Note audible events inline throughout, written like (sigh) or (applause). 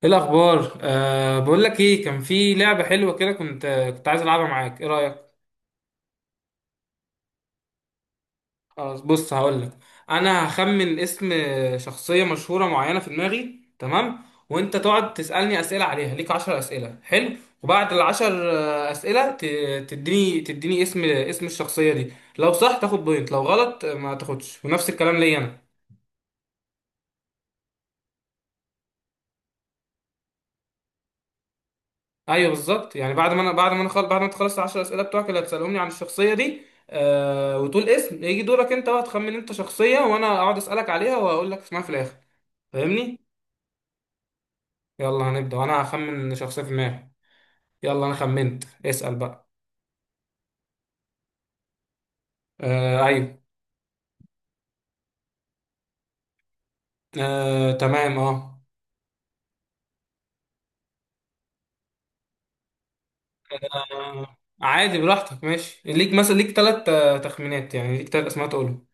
ايه الاخبار؟ بقول لك، ايه كان في لعبه حلوه كده كنت عايز العبها معاك. ايه رايك؟ خلاص، بص، هقول لك. انا هخمن اسم شخصيه مشهوره معينه في دماغي، تمام؟ وانت تقعد تسالني اسئله عليها. ليك 10 اسئله، حلو؟ وبعد العشر اسئله تديني اسم الشخصيه دي. لو صح تاخد بوينت، لو غلط ما تاخدش. ونفس الكلام ليا انا. ايوه، بالظبط. يعني بعد ما تخلص العشر اسئله بتوعك اللي هتسالهم لي عن الشخصيه دي. وتقول اسم. يجي دورك انت بقى تخمن انت شخصيه وانا اقعد اسالك عليها وهقول لك اسمها في الاخر. فاهمني؟ يلا هنبدا، وانا هخمن شخصيه في دماغي. يلا انا خمنت، اسال بقى. ايوه. تمام، اه. عادي براحتك، ماشي. ليك مثلا ليك ثلاث تخمينات، يعني ليك ثلاث اسماء تقولهم.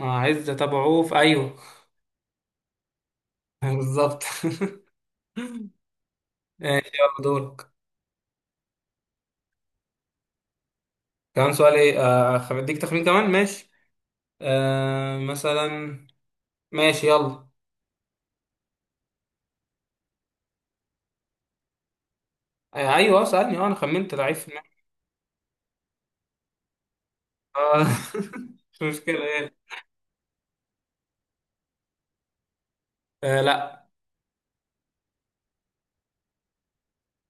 عايز تتابعوه في. ايوه. (laughs) بالظبط. (laughs) ماشي، يلا دورك. كمان سؤال ايه؟ اديك تخمين كمان، ماشي. مثلا. ماشي يلا. ايوه، سألني. اه انا خمنت لعيب في دماغي. آه. (laughs) مش مشكلة، ايه. آه، لا.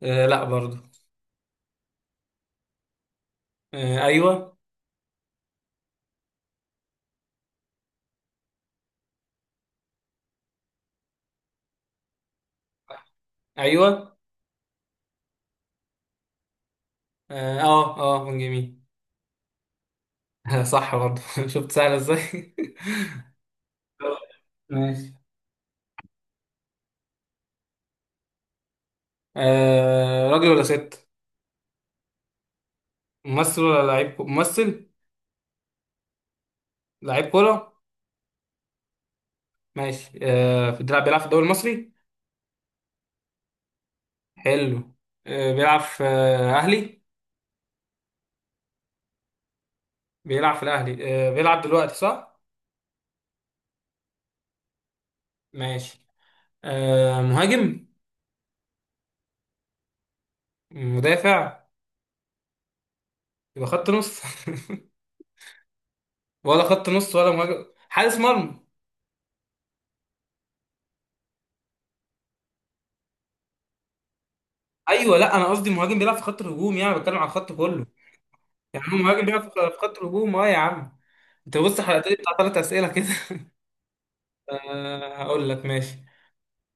آه، لا برضو. آه، ايوه. ايوه، اه، اه. من جميل. (laughs) صح برضو. (laughs) شفت سهلة ازاي. (laughs) ماشي. راجل ولا ست؟ ممثل ولا لعيب ممثل؟ لعيب كورة. ماشي. بيلعب في الدوري المصري؟ حلو. بيلعب في أهلي؟ بيلعب في الاهلي. بيلعب دلوقتي، صح؟ ماشي. مهاجم؟ مدافع؟ يبقى خط نص؟ (laughs) ولا خط نص ولا مهاجم؟ حارس مرمى؟ ايوه. لا، انا قصدي مهاجم بيلعب في خط الهجوم، يعني بتكلم على الخط كله. يعني هو مهاجم بيلعب في خط الهجوم. اه يا عم. انت بص، حلقتين بتاع ثلاث اسئله كده. (laughs) هقول لك، ماشي.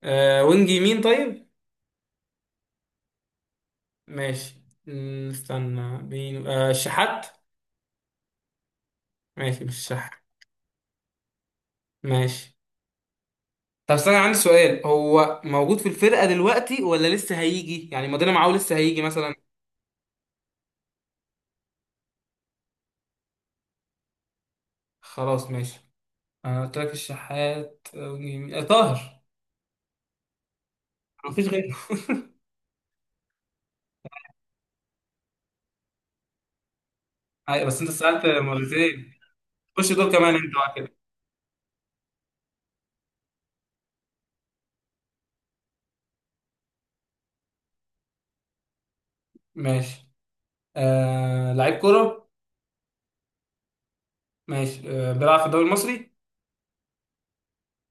وينج يمين، طيب. ماشي. استنى بين الشحات. ماشي، مش الشحات. ماشي. طب استنى، عندي سؤال. هو موجود في الفرقة دلوقتي ولا لسه هيجي؟ يعني مودينا معاه لسه هيجي مثلا. خلاص، ماشي. انا قلت لك الشحات أو طاهر. مفيش غيره. أيوة، بس انت سألت مرتين. خش دول كمان، انت بقى كده. ماشي. لعيب كورة؟ ماشي. بيلعب في الدوري المصري؟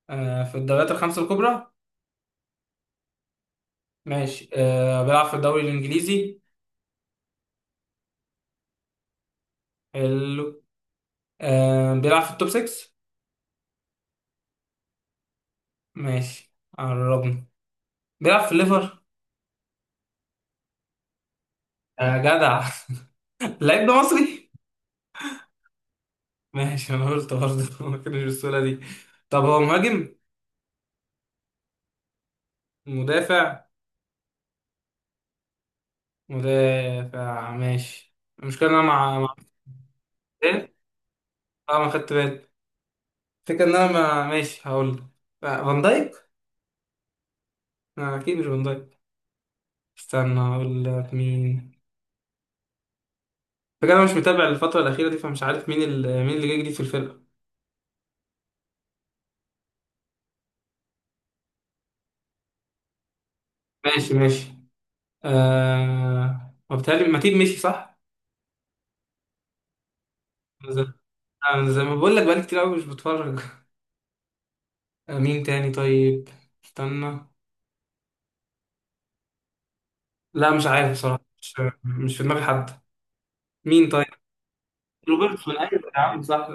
في الدوريات الخمسة الكبرى؟ ماشي. بيلعب في الدوري الإنجليزي؟ حلو. بيلعب في التوب 6؟ ماشي. قربنا. بيلعب في الليفر؟ جدع! (laughs) اللعيب ده مصري؟ ماشي، انا قلت برضه. (laughs) ما كانش بالسهولة دي. طب هو مهاجم؟ مدافع؟ مدافع، ماشي. المشكلة ان انا مع. اه، ما خدت بالي. الفكرة ان انا ما ماشي هقول لك. فان دايك؟ لا، اكيد مش فان دايك. استنى هقول لك مين. فكرة انا مش متابع الفترة الأخيرة دي، فمش عارف مين اللي جاي جديد في الفرقة. ماشي، ماشي. وبالتالي ماتيب مشي، صح؟ أنا زي أنا زي ما بقول لك، بقالي كتير قوي مش بتفرج. مين تاني طيب؟ استنى. لا مش عارف بصراحة. مش. مش في دماغي حد. مين طيب؟ روبرتسون، ايوه يا عم، صح.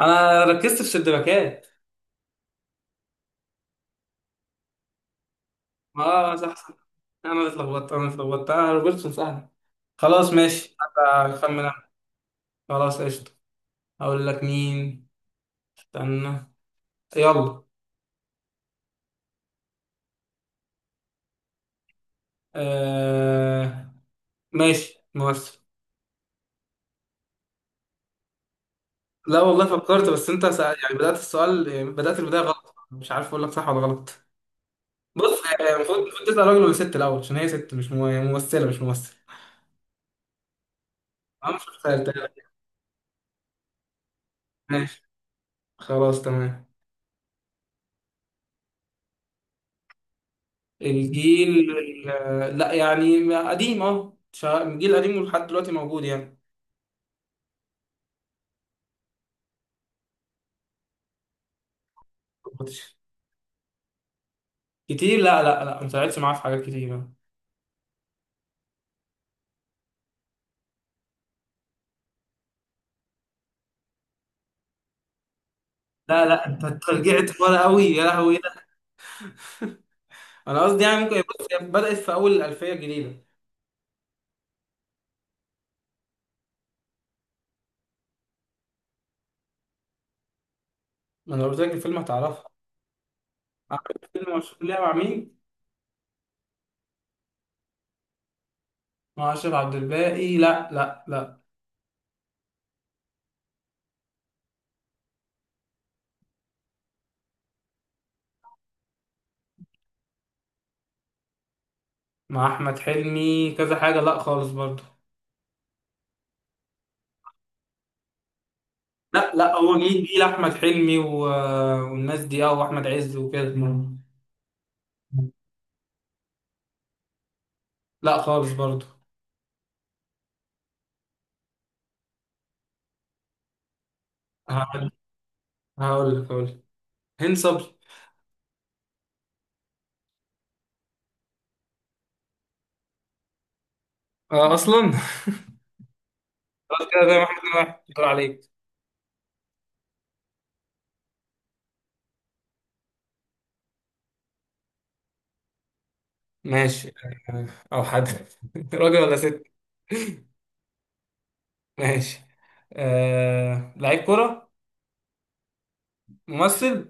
انا ركزت في الشباكات. اه، صح، صح. انا اللي اتلخبطت. روبرتسون سهل. خلاص ماشي حتى. اخمن أنا. خلاص، قشطة. اقول لك مين. استنى. يلا. آه... ماشي، ممثل. لا والله فكرت، بس انت يعني بدأت السؤال. يعني بدأت البداية غلط، مش عارف اقول لك صح ولا غلط. بص. المفروض تسأل راجل ولا ست الاول، عشان هي ست. مش ممثلة، مش ممثل. انا مش متخيل. ماشي. خلاص تمام. لا، يعني قديم، الجيل القديم ولحد دلوقتي موجود يعني. كتير؟ لا، لا، لا، ما طلعتش معاه في حاجات كتير. لا، لا، انت رجعت ورا قوي، يا لهوي ده. انا قصدي يعني ممكن. بص، هي بدأت في اول الألفية الجديدة. ما انا قلت لك الفيلم هتعرفها. عارف الفيلم مشهور ليها مع مين؟ مع أشرف عبد الباقي؟ لا، لا، لا. مع أحمد حلمي كذا حاجة؟ لا خالص برضه. لا، لا، هو جيل أحمد حلمي و... والناس دي، وأحمد عز وكده. لا خالص برضو. هقول هقول لك هند صبري. اه، اصلا. خلاص كده، زي ما احنا واحد دور عليك. ماشي. او حد. (laughs) راجل ولا ست؟ ماشي. لعيب كرة؟ ممثل؟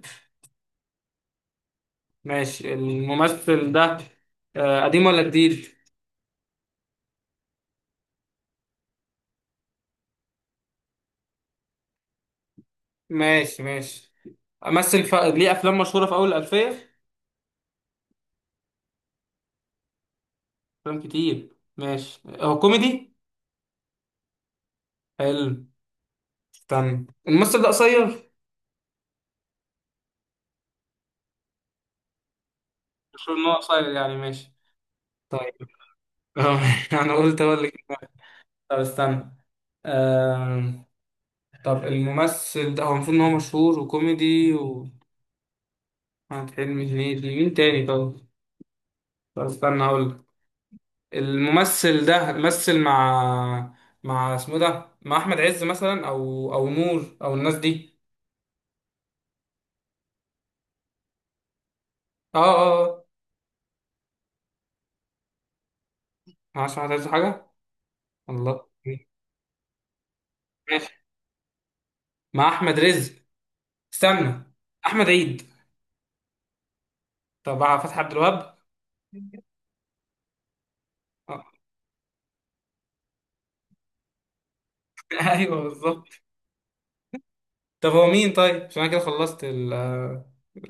ماشي، الممثل ده. قديم ولا جديد؟ ماشي، ماشي. امثل، ليه افلام مشهورة في اول الالفية. افلام كتير، ماشي. هو كوميدي؟ حلو. استنى، الممثل ده قصير؟ مشهور ان هو قصير يعني؟ ماشي. طيب. (laughs) انا قلت اقول لك إيه. طب استنى. آه... طب الممثل ده هو المفروض ان هو مشهور وكوميدي. وأحمد حلمي، هنيدي، مين تاني طب؟ طب استنى هقول لك. الممثل ده مثل مع. مع اسمه ده مع احمد عز مثلا، او نور، او الناس دي. اه، اه، آه. مع احمد عز حاجه؟ الله. ماشي. مع احمد رزق. استنى. احمد عيد؟ طب مع فتحي عبد الوهاب؟ آه. (laughs) ايوه، بالظبط. طب هو مين طيب؟ عشان انا كده خلصت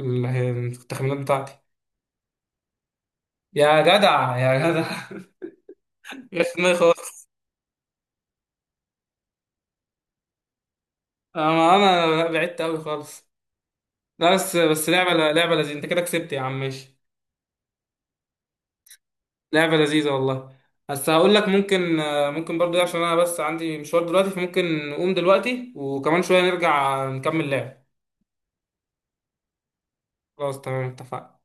ال- التخمينات بتاعتي. يا جدع، يا جدع. (laughs) يا دماغي خالص. انا بعدت قوي خالص. لا بس لعبه لعبه لذيذه. انت كده كسبت يا عم، ماشي. لعبه لذيذه والله. بس هقول لك ممكن، ممكن برضو، إيه، عشان انا بس عندي مشوار دلوقتي، فممكن نقوم دلوقتي وكمان شويه نرجع نكمل لعب. خلاص تمام، اتفقنا.